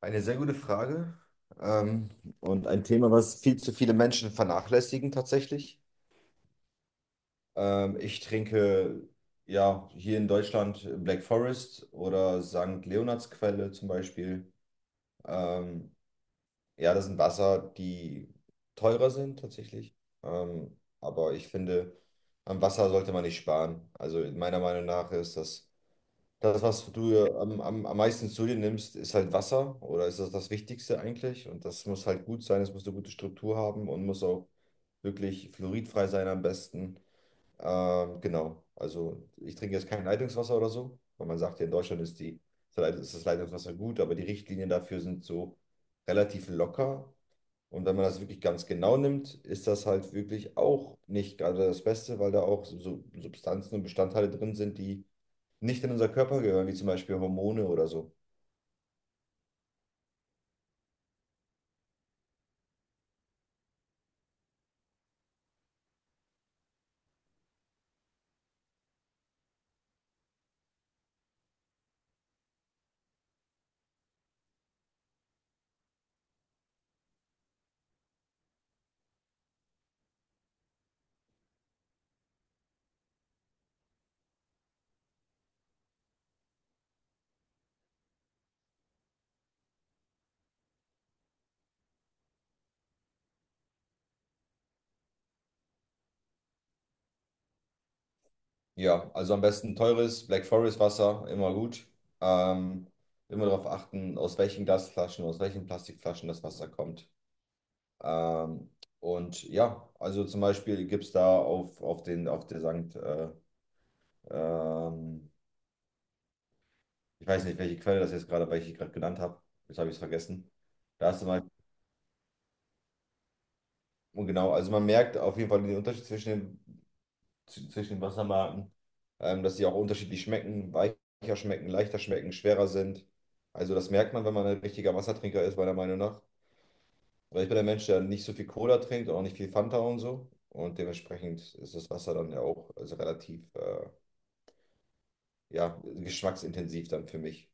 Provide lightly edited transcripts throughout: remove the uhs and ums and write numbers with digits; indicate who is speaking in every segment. Speaker 1: Eine sehr gute Frage, ähm, und ein Thema, was viel zu viele Menschen vernachlässigen tatsächlich. Ich trinke ja hier in Deutschland Black Forest oder St. Leonardsquelle zum Beispiel. Ähm, ja, das sind Wasser, die teurer sind tatsächlich. Aber ich finde, am Wasser sollte man nicht sparen. Also meiner Meinung nach ist das, was du am meisten zu dir nimmst, ist halt Wasser, oder ist das Wichtigste eigentlich? Und das muss halt gut sein, es muss eine gute Struktur haben und muss auch wirklich fluoridfrei sein am besten. Genau, also ich trinke jetzt kein Leitungswasser oder so, weil man sagt ja, in Deutschland ist das Leitungswasser gut, aber die Richtlinien dafür sind so relativ locker. Und wenn man das wirklich ganz genau nimmt, ist das halt wirklich auch nicht gerade das Beste, weil da auch so Substanzen und Bestandteile drin sind, die nicht in unser Körper gehören, wie zum Beispiel Hormone oder so. Ja, also am besten teures Black Forest Wasser, immer gut. Ähm, Immer darauf achten, aus welchen Glasflaschen, aus welchen Plastikflaschen das Wasser kommt. Ähm, und ja, also zum Beispiel gibt es da auf der Sankt, ähm, ich weiß nicht, welche Quelle das jetzt gerade, welche ich gerade genannt habe. Jetzt habe ich es vergessen. Da ist zum Beispiel, und genau, also man merkt auf jeden Fall den Unterschied zwischen den Wassermarken, dass die auch unterschiedlich schmecken, weicher schmecken, leichter schmecken, schwerer sind. Also das merkt man, wenn man ein richtiger Wassertrinker ist, meiner Meinung nach. Weil ich bin ein Mensch, der nicht so viel Cola trinkt und auch nicht viel Fanta und so. Und dementsprechend ist das Wasser dann ja auch also relativ ja, geschmacksintensiv dann für mich.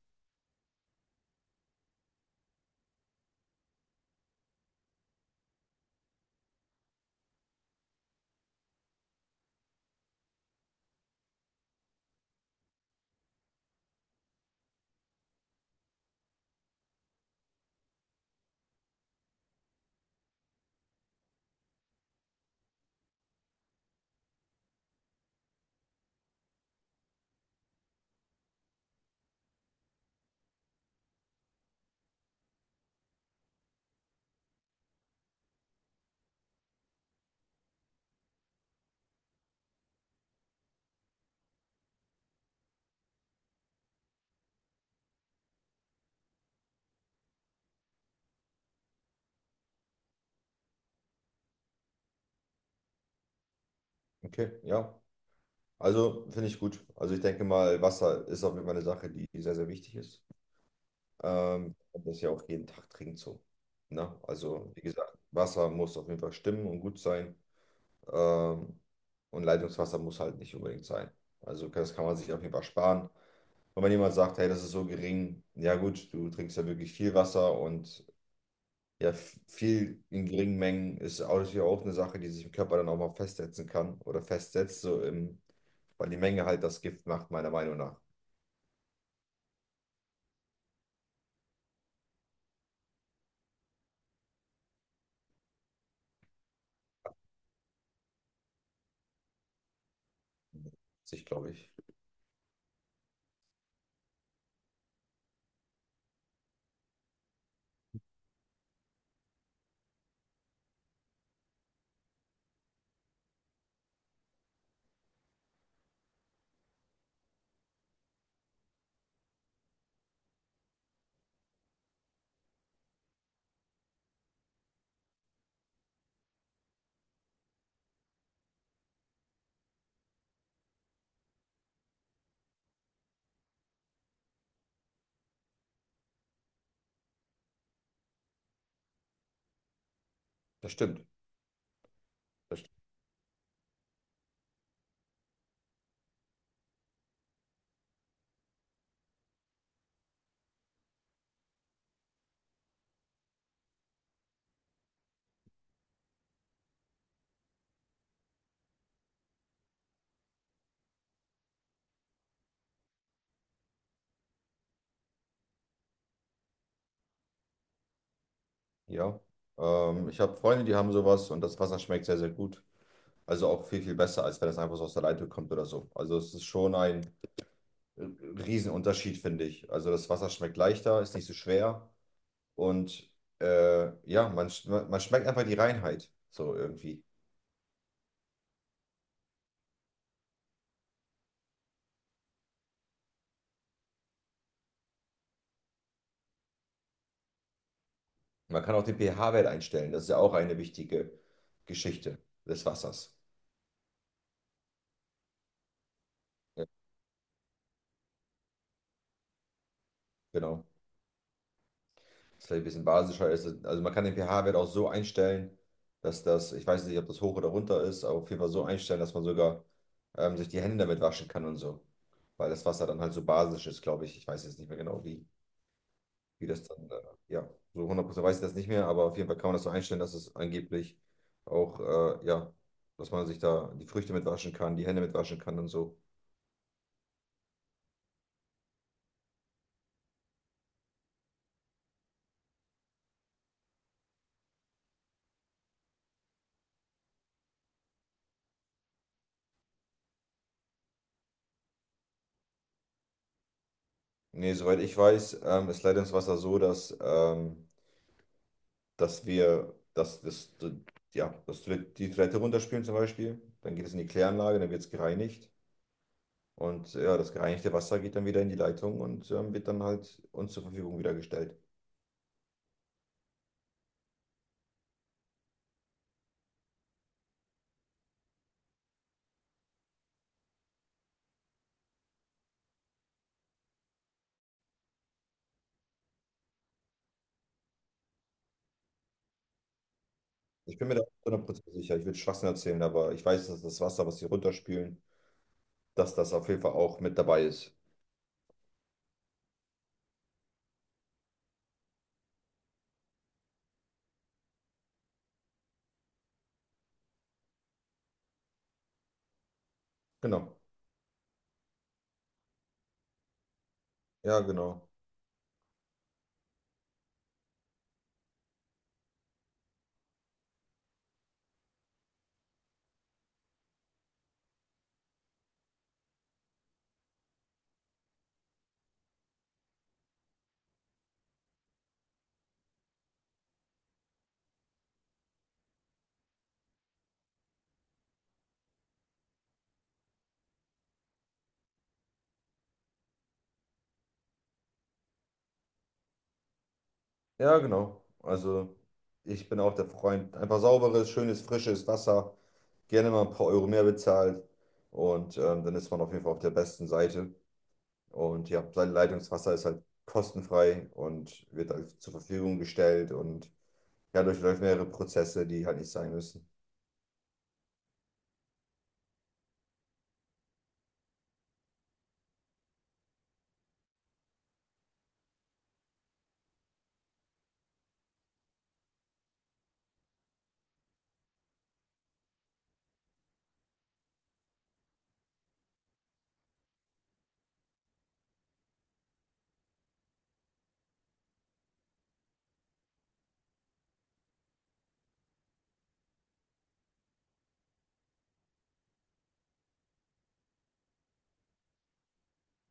Speaker 1: Okay, ja. Also finde ich gut. Also ich denke mal, Wasser ist auf jeden Fall eine Sache, die sehr, sehr wichtig ist. Und das ist ja auch jeden Tag trinkt so. Ne? Also, wie gesagt, Wasser muss auf jeden Fall stimmen und gut sein. Ähm, und Leitungswasser muss halt nicht unbedingt sein. Also, das kann man sich auf jeden Fall sparen. Und wenn jemand sagt, hey, das ist so gering, ja gut, du trinkst ja wirklich viel Wasser und ja, f- viel in geringen Mengen ist auch natürlich auch eine Sache, die sich im Körper dann auch mal festsetzen kann oder festsetzt, so im, weil die Menge halt das Gift macht, meiner Meinung nach. Sich, glaube ich. Das stimmt. Ja, ich habe Freunde, die haben sowas und das Wasser schmeckt sehr, sehr gut. Also auch viel, viel besser, als wenn es einfach so aus der Leitung kommt oder so. Also es ist schon ein äh, Riesenunterschied, finde ich. Also das Wasser schmeckt leichter, ist nicht so schwer und ja, man schmeckt einfach die Reinheit so irgendwie. Man kann auch den pH-Wert einstellen, das ist ja auch eine wichtige Geschichte des Wassers. Ja, genau. Das vielleicht ein bisschen basischer ist. Also man kann den pH-Wert auch so einstellen, dass das, ich weiß nicht, ob das hoch oder runter ist, aber auf jeden Fall so einstellen, dass man sogar sich die Hände damit waschen kann und so. Weil das Wasser dann halt so basisch ist, glaube ich. Ich weiß jetzt nicht mehr genau, wie das dann, ja, so 100% weiß ich das nicht mehr, aber auf jeden Fall kann man das so einstellen, dass es angeblich auch, ja, dass man sich da die Früchte mit waschen kann, die Hände mit waschen kann und so. Nee, soweit ich weiß, ist Leitungswasser so, dass das, ja, dass wir die Toilette runterspülen zum Beispiel, dann geht es in die Kläranlage, dann wird es gereinigt und ja, das gereinigte Wasser geht dann wieder in die Leitung und wird dann halt uns zur Verfügung wieder gestellt. Ich bin mir da 100% sicher, ich würde Schwachsinn erzählen, aber ich weiß, dass das Wasser, was sie runterspülen, dass das auf jeden Fall auch mit dabei ist. Genau, ja, genau, ja, genau. Also ich bin auch der Freund, einfach sauberes, schönes, frisches Wasser. Gerne mal ein paar Euro mehr bezahlt und dann ist man auf jeden Fall auf der besten Seite. Und ja, sein Leitungswasser ist halt kostenfrei und wird halt zur Verfügung gestellt und ja, durchläuft mehrere Prozesse, die halt nicht sein müssen.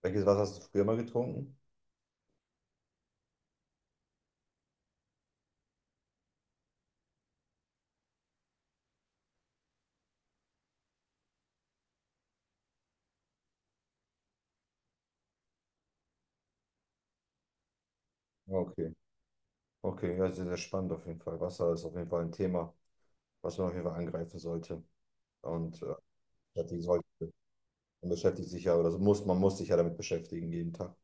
Speaker 1: Welches Wasser hast du früher mal getrunken? Ah, okay, okay, ja, sehr, sehr spannend auf jeden Fall. Wasser ist auf jeden Fall ein Thema, was man auf jeden Fall angreifen sollte und beschäftigen sollte. Man beschäftigt sich ja, oder man muss sich ja damit beschäftigen jeden Tag.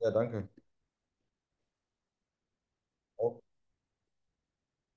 Speaker 1: Ja, danke.